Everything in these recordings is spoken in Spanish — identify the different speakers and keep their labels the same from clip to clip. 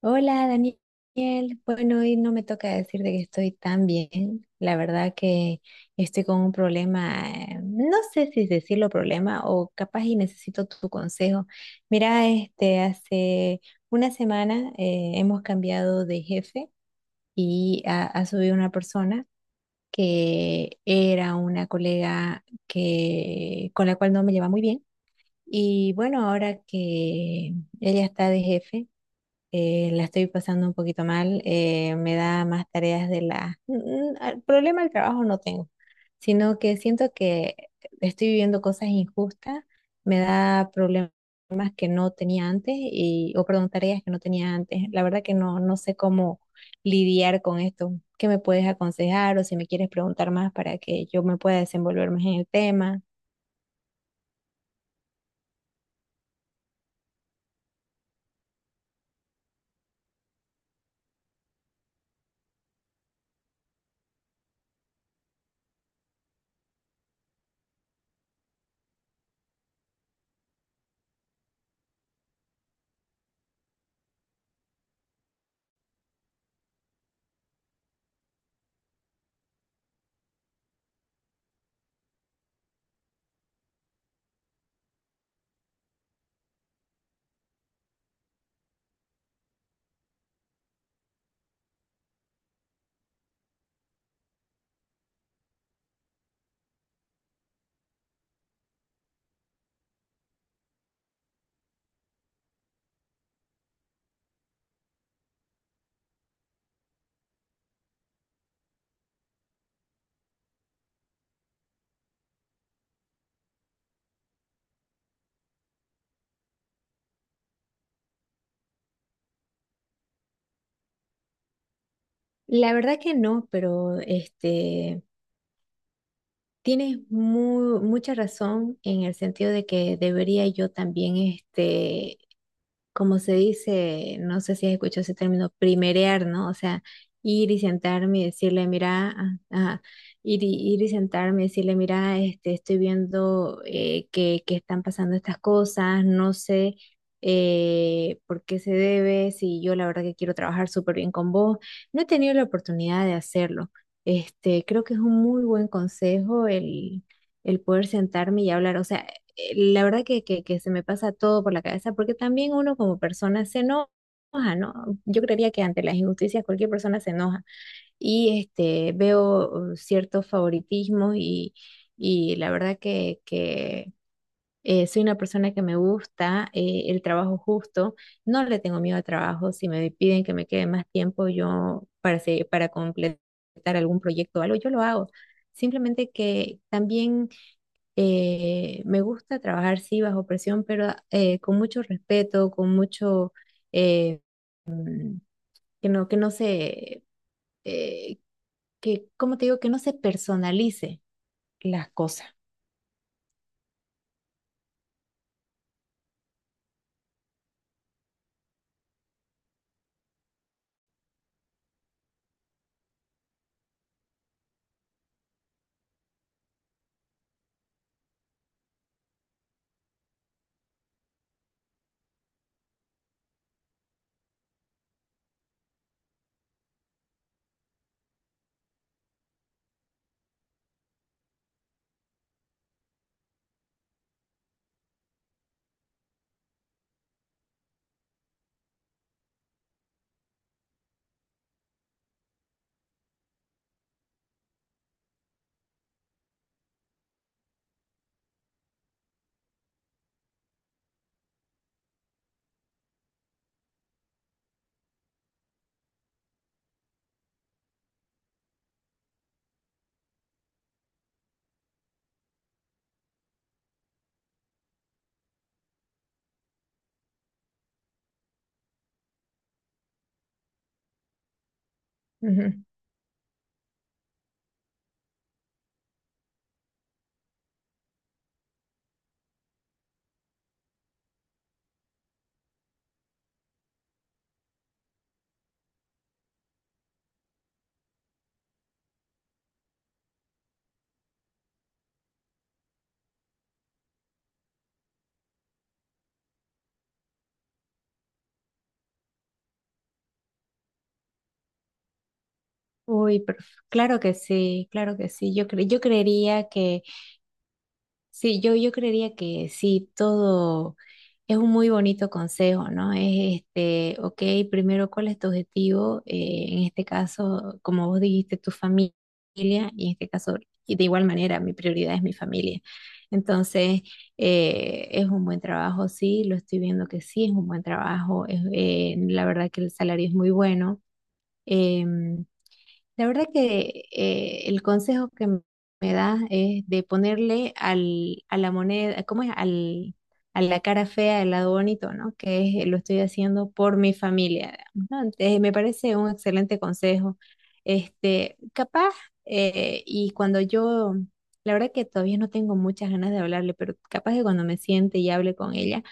Speaker 1: Hola Daniel, bueno, hoy no me toca decir de que estoy tan bien. La verdad que estoy con un problema, no sé si decirlo problema o capaz y necesito tu consejo. Mira, este, hace una semana hemos cambiado de jefe y ha subido una persona que era una colega que, con la cual no me lleva muy bien. Y bueno, ahora que ella está de jefe la estoy pasando un poquito mal, me da más tareas de la... Mm, ah, Problema del trabajo no tengo, sino que siento que estoy viviendo cosas injustas, me da problemas que no tenía antes, y, o perdón, tareas que no tenía antes. La verdad que no, no sé cómo lidiar con esto. ¿Qué me puedes aconsejar o si me quieres preguntar más para que yo me pueda desenvolver más en el tema? La verdad que no, pero este... Tienes mucha razón en el sentido de que debería yo también, este, como se dice, no sé si has escuchado ese término, primerear, ¿no? O sea, ir y sentarme y decirle, mira, ah, ah, ir y sentarme y decirle, mira, este, estoy viendo que están pasando estas cosas, no sé por qué se debe, si yo la verdad que quiero trabajar súper bien con vos, no he tenido la oportunidad de hacerlo. Este, creo que es un muy buen consejo el poder sentarme y hablar. O sea, la verdad que, que se me pasa todo por la cabeza, porque también uno como persona se enoja, ¿no? Yo creería que ante las injusticias cualquier persona se enoja y este, veo ciertos favoritismos y la verdad que, que soy una persona que me gusta el trabajo justo, no le tengo miedo al trabajo, si me piden que me quede más tiempo yo para completar algún proyecto o algo, yo lo hago. Simplemente que también me gusta trabajar, sí, bajo presión, pero con mucho respeto, con mucho, eh, que no, que no se, eh, que, ¿cómo te digo? Que no se personalice las cosas. Ujú. Uy, pero claro que sí, claro que sí. Yo creería que sí, yo creería que sí, todo es un muy bonito consejo, ¿no? Es este, ok, primero, ¿cuál es tu objetivo? En este caso, como vos dijiste, tu familia, y en este caso, y de igual manera, mi prioridad es mi familia. Entonces, es un buen trabajo, sí, lo estoy viendo que sí, es un buen trabajo. La verdad que el salario es muy bueno. em, la verdad que el consejo que me das es de ponerle a la moneda, ¿cómo es? A la cara fea el lado bonito, ¿no? Que es, lo estoy haciendo por mi familia, digamos, ¿no? Entonces, me parece un excelente consejo. Este, capaz, y cuando yo, la verdad que todavía no tengo muchas ganas de hablarle, pero capaz que cuando me siente y hable con ella,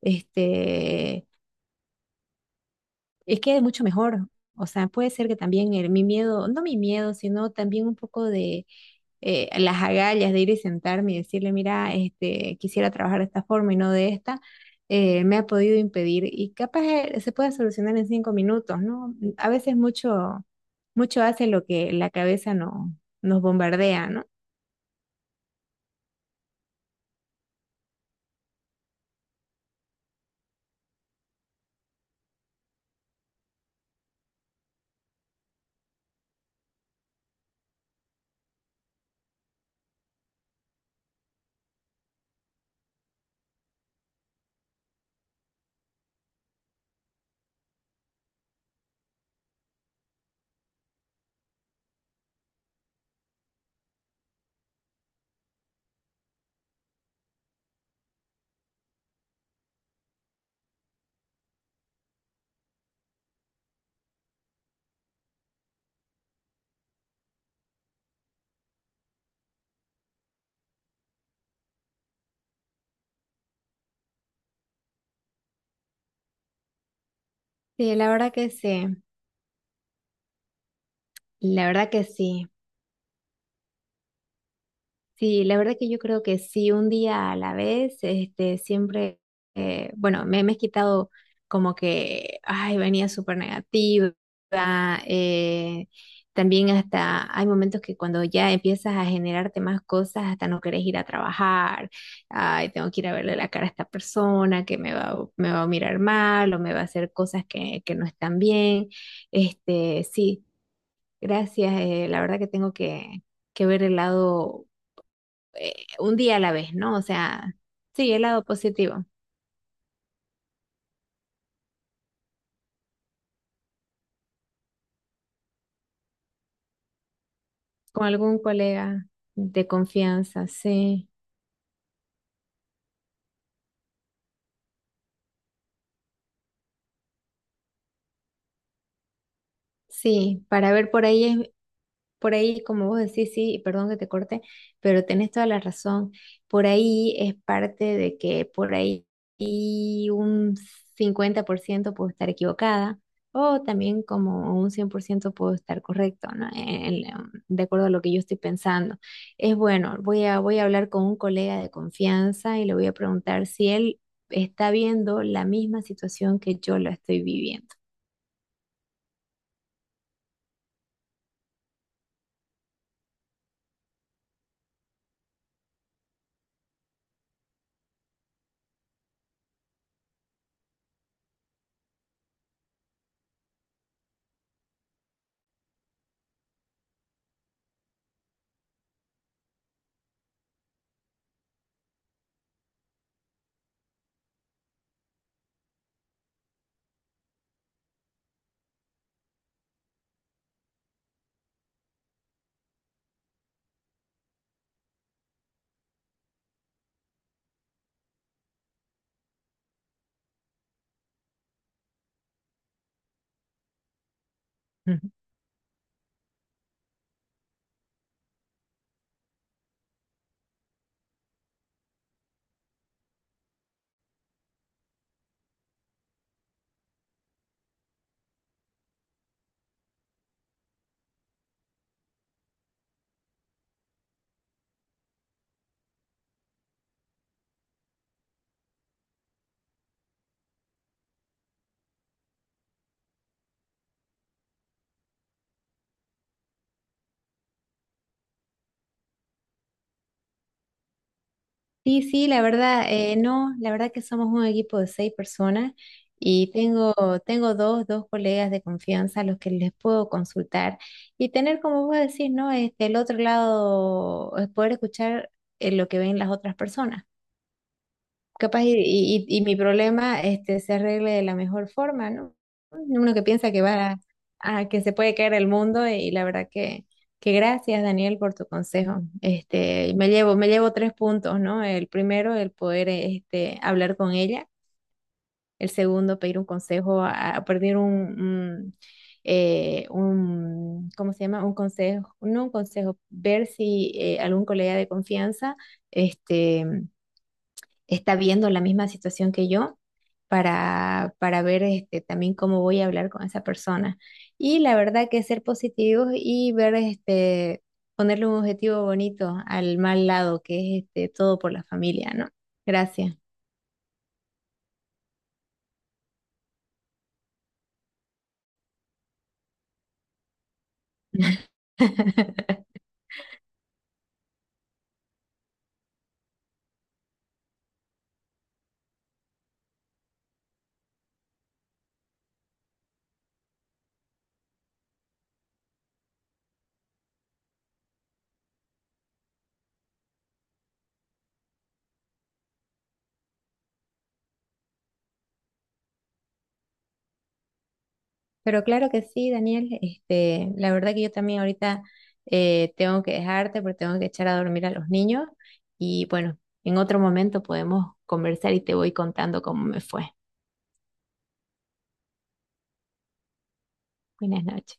Speaker 1: este es que es mucho mejor. O sea, puede ser que también mi miedo, no mi miedo, sino también un poco de las agallas de ir y sentarme y decirle, mira, este, quisiera trabajar de esta forma y no de esta, me ha podido impedir. Y capaz se puede solucionar en 5 minutos, ¿no? A veces mucho, mucho hace lo que la cabeza no, nos bombardea, ¿no? Sí, la verdad que sí, la verdad que sí. Sí, la verdad que yo creo que sí, un día a la vez, este, siempre, bueno, me he quitado como que, ay, venía súper negativa, eh, también hasta hay momentos que cuando ya empiezas a generarte más cosas, hasta no querés ir a trabajar, ay, tengo que ir a verle la cara a esta persona que me va a mirar mal o me va a hacer cosas que no están bien, este, sí, gracias, la verdad que tengo que ver el lado un día a la vez, ¿no? O sea, sí, el lado positivo, con algún colega de confianza, sí, sí, para ver por ahí es. Por ahí, como vos decís, sí, y perdón que te corte, pero tenés toda la razón. Por ahí es parte de que por ahí y un 50% puedo estar equivocada o también como un 100% puedo estar correcto, ¿no? De acuerdo a lo que yo estoy pensando. Es bueno, voy a hablar con un colega de confianza y le voy a preguntar si él está viendo la misma situación que yo la estoy viviendo. Sí, sí, la verdad, no, la verdad que somos un equipo de seis personas y tengo dos colegas de confianza a los que les puedo consultar y tener, como vos decís, ¿no? Este, el otro lado, poder escuchar lo que ven las otras personas. Capaz y mi problema este, se arregle de la mejor forma, ¿no? Uno que piensa que a que se puede caer el mundo y la verdad que gracias, Daniel, por tu consejo. Este, me llevo tres puntos, ¿no? El primero, el poder este, hablar con ella. El segundo, pedir un consejo, a pedir un, ¿cómo se llama? Un consejo, no un consejo, ver si algún colega de confianza este, está viendo la misma situación que yo para ver este, también cómo voy a hablar con esa persona. Y la verdad que ser positivos y ver, este, ponerle un objetivo bonito al mal lado, que es este, todo por la familia, ¿no? Gracias. Pero claro que sí, Daniel, este, la verdad que yo también ahorita tengo que dejarte porque tengo que echar a dormir a los niños y bueno, en otro momento podemos conversar y te voy contando cómo me fue. Buenas noches.